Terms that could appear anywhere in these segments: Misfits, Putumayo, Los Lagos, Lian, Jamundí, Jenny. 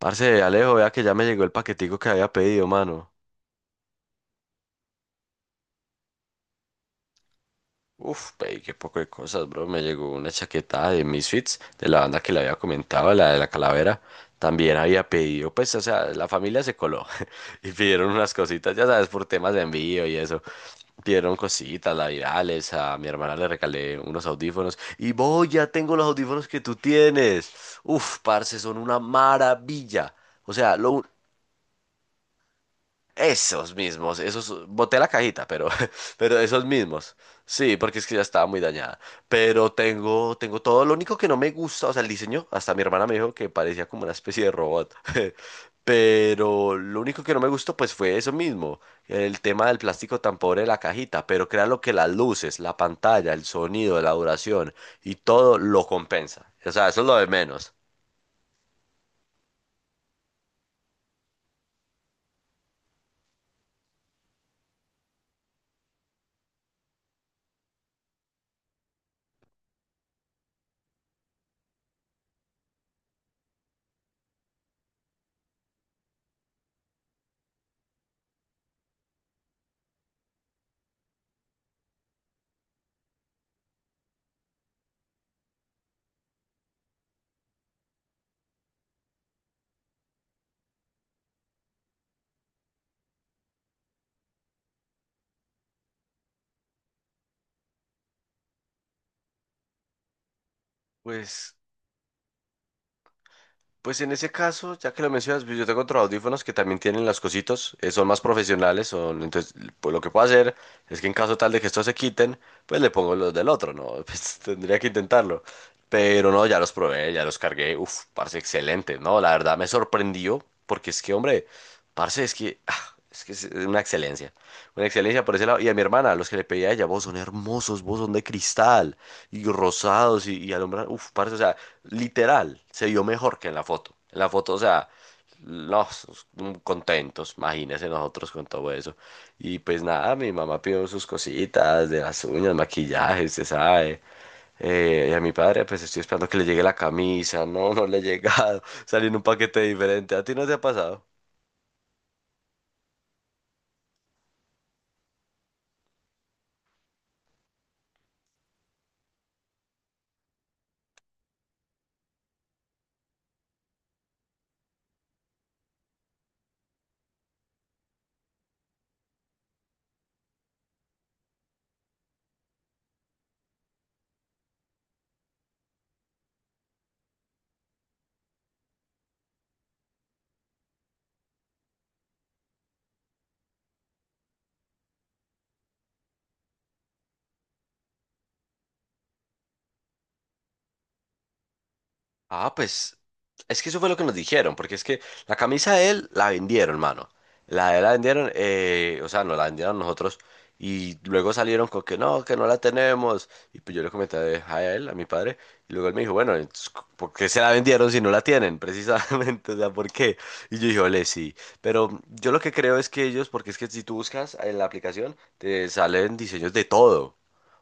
Parce, Alejo, vea que ya me llegó el paquetico que había pedido, mano. Uf, pedí qué poco de cosas, bro. Me llegó una chaqueta de Misfits, de la banda que le había comentado, la de la calavera. También había pedido, pues, o sea, la familia se coló y pidieron unas cositas, ya sabes, por temas de envío y eso. Pidieron cositas, la virales, a mi hermana le regalé unos audífonos. Y voy, ya tengo los audífonos que tú tienes. Uf, parce, son una maravilla. O sea, lo, esos mismos, esos, boté la cajita, pero, pero esos mismos. Sí, porque es que ya estaba muy dañada. Pero tengo, tengo todo. Lo único que no me gusta, o sea, el diseño, hasta mi hermana me dijo que parecía como una especie de robot. Pero lo único que no me gustó, pues fue eso mismo. El tema del plástico tan pobre de la cajita. Pero créanlo que las luces, la pantalla, el sonido, la duración y todo lo compensa. O sea, eso es lo de menos. Pues Pues en ese caso, ya que lo mencionas, pues yo tengo otros audífonos que también tienen las cositas, son más profesionales, son, entonces pues lo que puedo hacer es que en caso tal de que estos se quiten, pues le pongo los del otro, ¿no? Pues tendría que intentarlo. Pero no, ya los probé, ya los cargué, uf, parce, excelente, ¿no? La verdad me sorprendió, porque es que, hombre, parce, es que, es que es una excelencia por ese lado. Y a mi hermana, los que le pedí a ella, vos son hermosos, vos son de cristal y rosados y alumbrar. Uf, parce, o sea, literal, se vio mejor que en la foto. En la foto, o sea, los contentos, imagínense nosotros con todo eso. Y pues nada, mi mamá pidió sus cositas de las uñas, maquillaje, se sabe. Y a mi padre, pues estoy esperando que le llegue la camisa. No, no le he llegado. Salió en un paquete diferente. ¿A ti no te ha pasado? Ah, pues es que eso fue lo que nos dijeron, porque es que la camisa de él la vendieron, mano. La de él la vendieron, o sea, no la vendieron nosotros y luego salieron con que no la tenemos. Y pues yo le comenté a él, a mi padre, y luego él me dijo, bueno, entonces, ¿por qué se la vendieron si no la tienen? Precisamente, o sea, ¿por qué? Y yo dije, ole, sí. Pero yo lo que creo es que ellos, porque es que si tú buscas en la aplicación, te salen diseños de todo.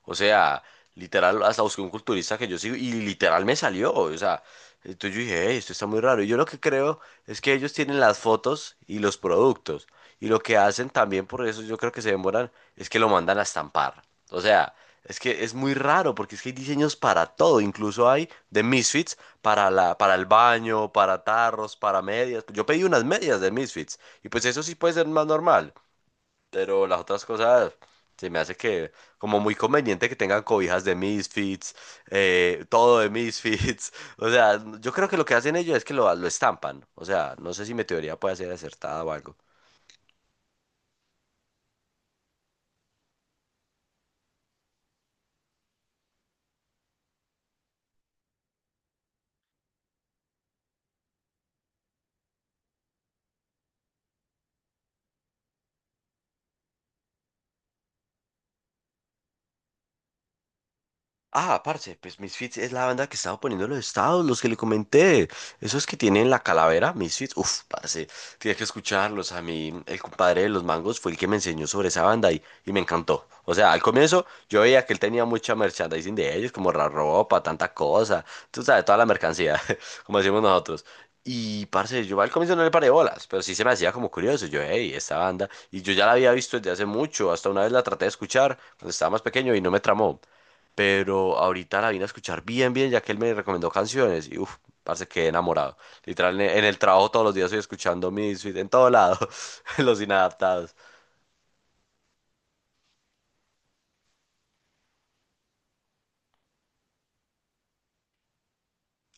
O sea, literal, hasta busqué un culturista que yo sigo y literal me salió, o sea. Entonces yo dije, "Ey, esto está muy raro. Y yo lo que creo es que ellos tienen las fotos y los productos. Y lo que hacen también, por eso yo creo que se demoran, es que lo mandan a estampar. O sea, es que es muy raro porque es que hay diseños para todo. Incluso hay de Misfits para la, para el baño, para tarros, para medias. Yo pedí unas medias de Misfits. Y pues eso sí puede ser más normal. Pero las otras cosas se me hace que como muy conveniente que tengan cobijas de Misfits, todo de Misfits. O sea, yo creo que lo que hacen ellos es que lo estampan. O sea, no sé si mi teoría puede ser acertada o algo. Ah, parce, pues Misfits es la banda que estaba poniendo en los estados, los que le comenté. Esos que tienen la calavera, Misfits. Uf, parce, tienes que escucharlos. A mí, el compadre de los mangos fue el que me enseñó sobre esa banda y me encantó. O sea, al comienzo yo veía que él tenía mucha merchandising de ellos, como la ropa, tanta cosa. Tú sabes, toda la mercancía, como decimos nosotros. Y, parce, yo al comienzo no le paré bolas, pero sí se me hacía como curioso. Yo, hey, esta banda. Y yo ya la había visto desde hace mucho. Hasta una vez la traté de escuchar cuando estaba más pequeño y no me tramó. Pero ahorita la vine a escuchar bien, bien, ya que él me recomendó canciones y uff, parce, quedé enamorado. Literal, en el trabajo todos los días estoy escuchando Misfits, en todo lado, los inadaptados.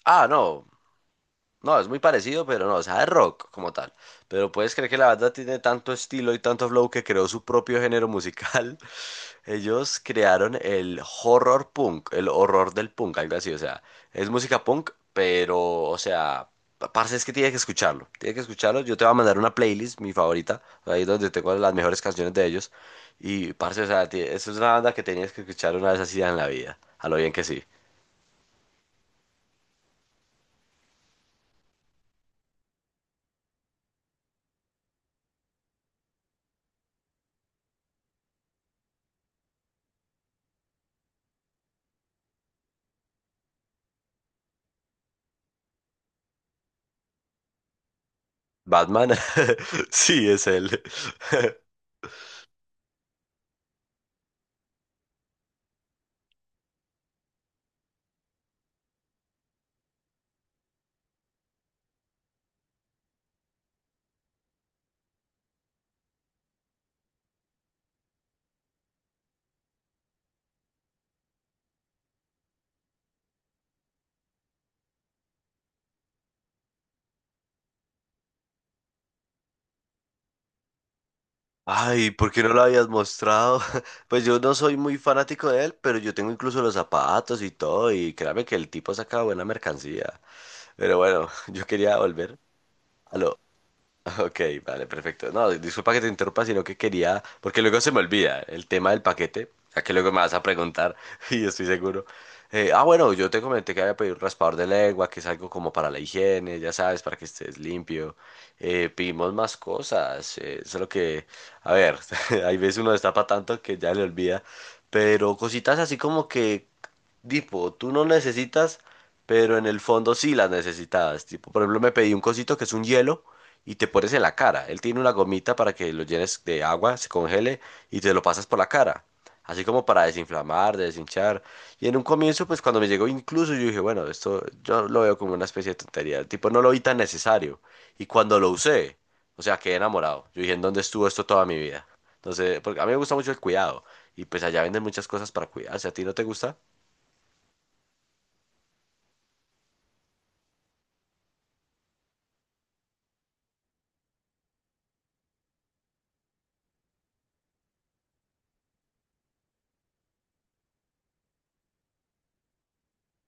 Ah, no, no, es muy parecido, pero no, o sea, es rock como tal. Pero puedes creer que la banda tiene tanto estilo y tanto flow que creó su propio género musical. Ellos crearon el horror punk, el horror del punk, algo así, o sea, es música punk, pero, o sea, parce, es que tienes que escucharlo, yo te voy a mandar una playlist, mi favorita, ahí donde tengo las mejores canciones de ellos, y parce, o sea, eso es una banda que tenías que escuchar una vez así en la vida, a lo bien que sí. Batman, sí, es él. Ay, ¿por qué no lo habías mostrado? Pues yo no soy muy fanático de él, pero yo tengo incluso los zapatos y todo, y créame que el tipo saca buena mercancía. Pero bueno, yo quería volver a lo Ok, vale, perfecto. No, disculpa que te interrumpa, sino que quería, porque luego se me olvida el tema del paquete, ya que luego me vas a preguntar y estoy seguro. Bueno, yo te comenté que había pedido un raspador de lengua, que es algo como para la higiene, ya sabes, para que estés limpio. Pedimos más cosas, solo que, a ver, hay veces uno destapa tanto que ya le olvida, pero cositas así como que, tipo, tú no necesitas pero en el fondo sí las necesitabas. Tipo, por ejemplo, me pedí un cosito que es un hielo y te pones en la cara. Él tiene una gomita para que lo llenes de agua, se congele y te lo pasas por la cara. Así como para desinflamar, deshinchar. Y en un comienzo, pues cuando me llegó incluso, yo dije, bueno, esto yo lo veo como una especie de tontería. Tipo, no lo vi tan necesario. Y cuando lo usé, o sea, quedé enamorado. Yo dije, ¿en dónde estuvo esto toda mi vida? Entonces, porque a mí me gusta mucho el cuidado. Y pues allá venden muchas cosas para cuidarse. ¿A ti no te gusta?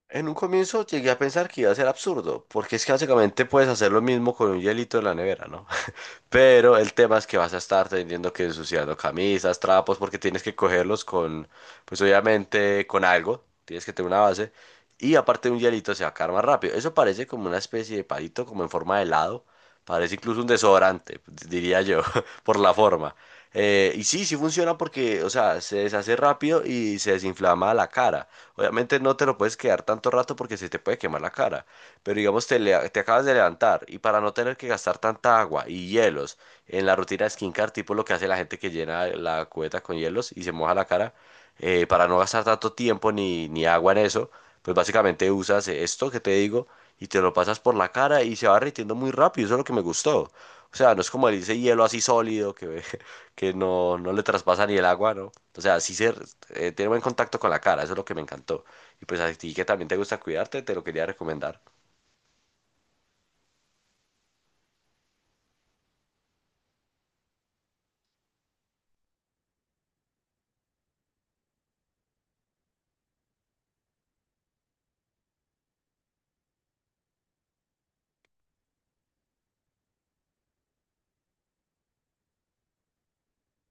En un comienzo llegué a pensar que iba a ser absurdo, porque es que básicamente puedes hacer lo mismo con un hielito en la nevera, ¿no? Pero el tema es que vas a estar teniendo que ensuciando camisas, trapos, porque tienes que cogerlos con, pues obviamente con algo, tienes que tener una base. Y aparte de un hielito se va a caer más rápido. Eso parece como una especie de palito, como en forma de helado. Parece incluso un desodorante, diría yo, por la forma. Y sí, sí funciona porque, o sea, se deshace rápido y se desinflama la cara. Obviamente no te lo puedes quedar tanto rato porque se te puede quemar la cara. Pero digamos, te, te acabas de levantar y para no tener que gastar tanta agua y hielos en la rutina de skincare, tipo lo que hace la gente que llena la cubeta con hielos y se moja la cara, para no gastar tanto tiempo ni agua en eso, pues básicamente usas esto que te digo y te lo pasas por la cara y se va derritiendo muy rápido. Eso es lo que me gustó. O sea, no es como ese hielo así sólido que, que no, no le traspasa ni el agua, ¿no? O sea, sí se, tiene buen contacto con la cara, eso es lo que me encantó. Y pues a ti que también te gusta cuidarte, te lo quería recomendar.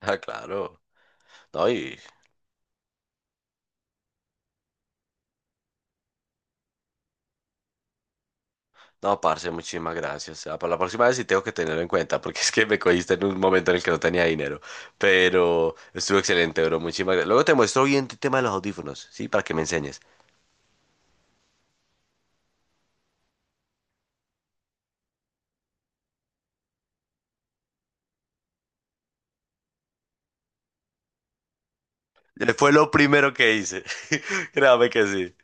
Ah, claro. No, y no, parce, muchísimas gracias. Ah, para la próxima vez sí tengo que tenerlo en cuenta, porque es que me cogiste en un momento en el que no tenía dinero. Pero estuvo excelente, bro. Muchísimas gracias. Luego te muestro bien el tema de los audífonos, ¿sí? Para que me enseñes. Fue lo primero que hice. Créame que sí.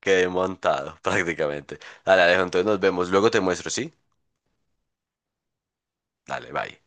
Quedé montado, prácticamente. Dale, Alejo, entonces nos vemos. Luego te muestro, ¿sí? Dale, bye.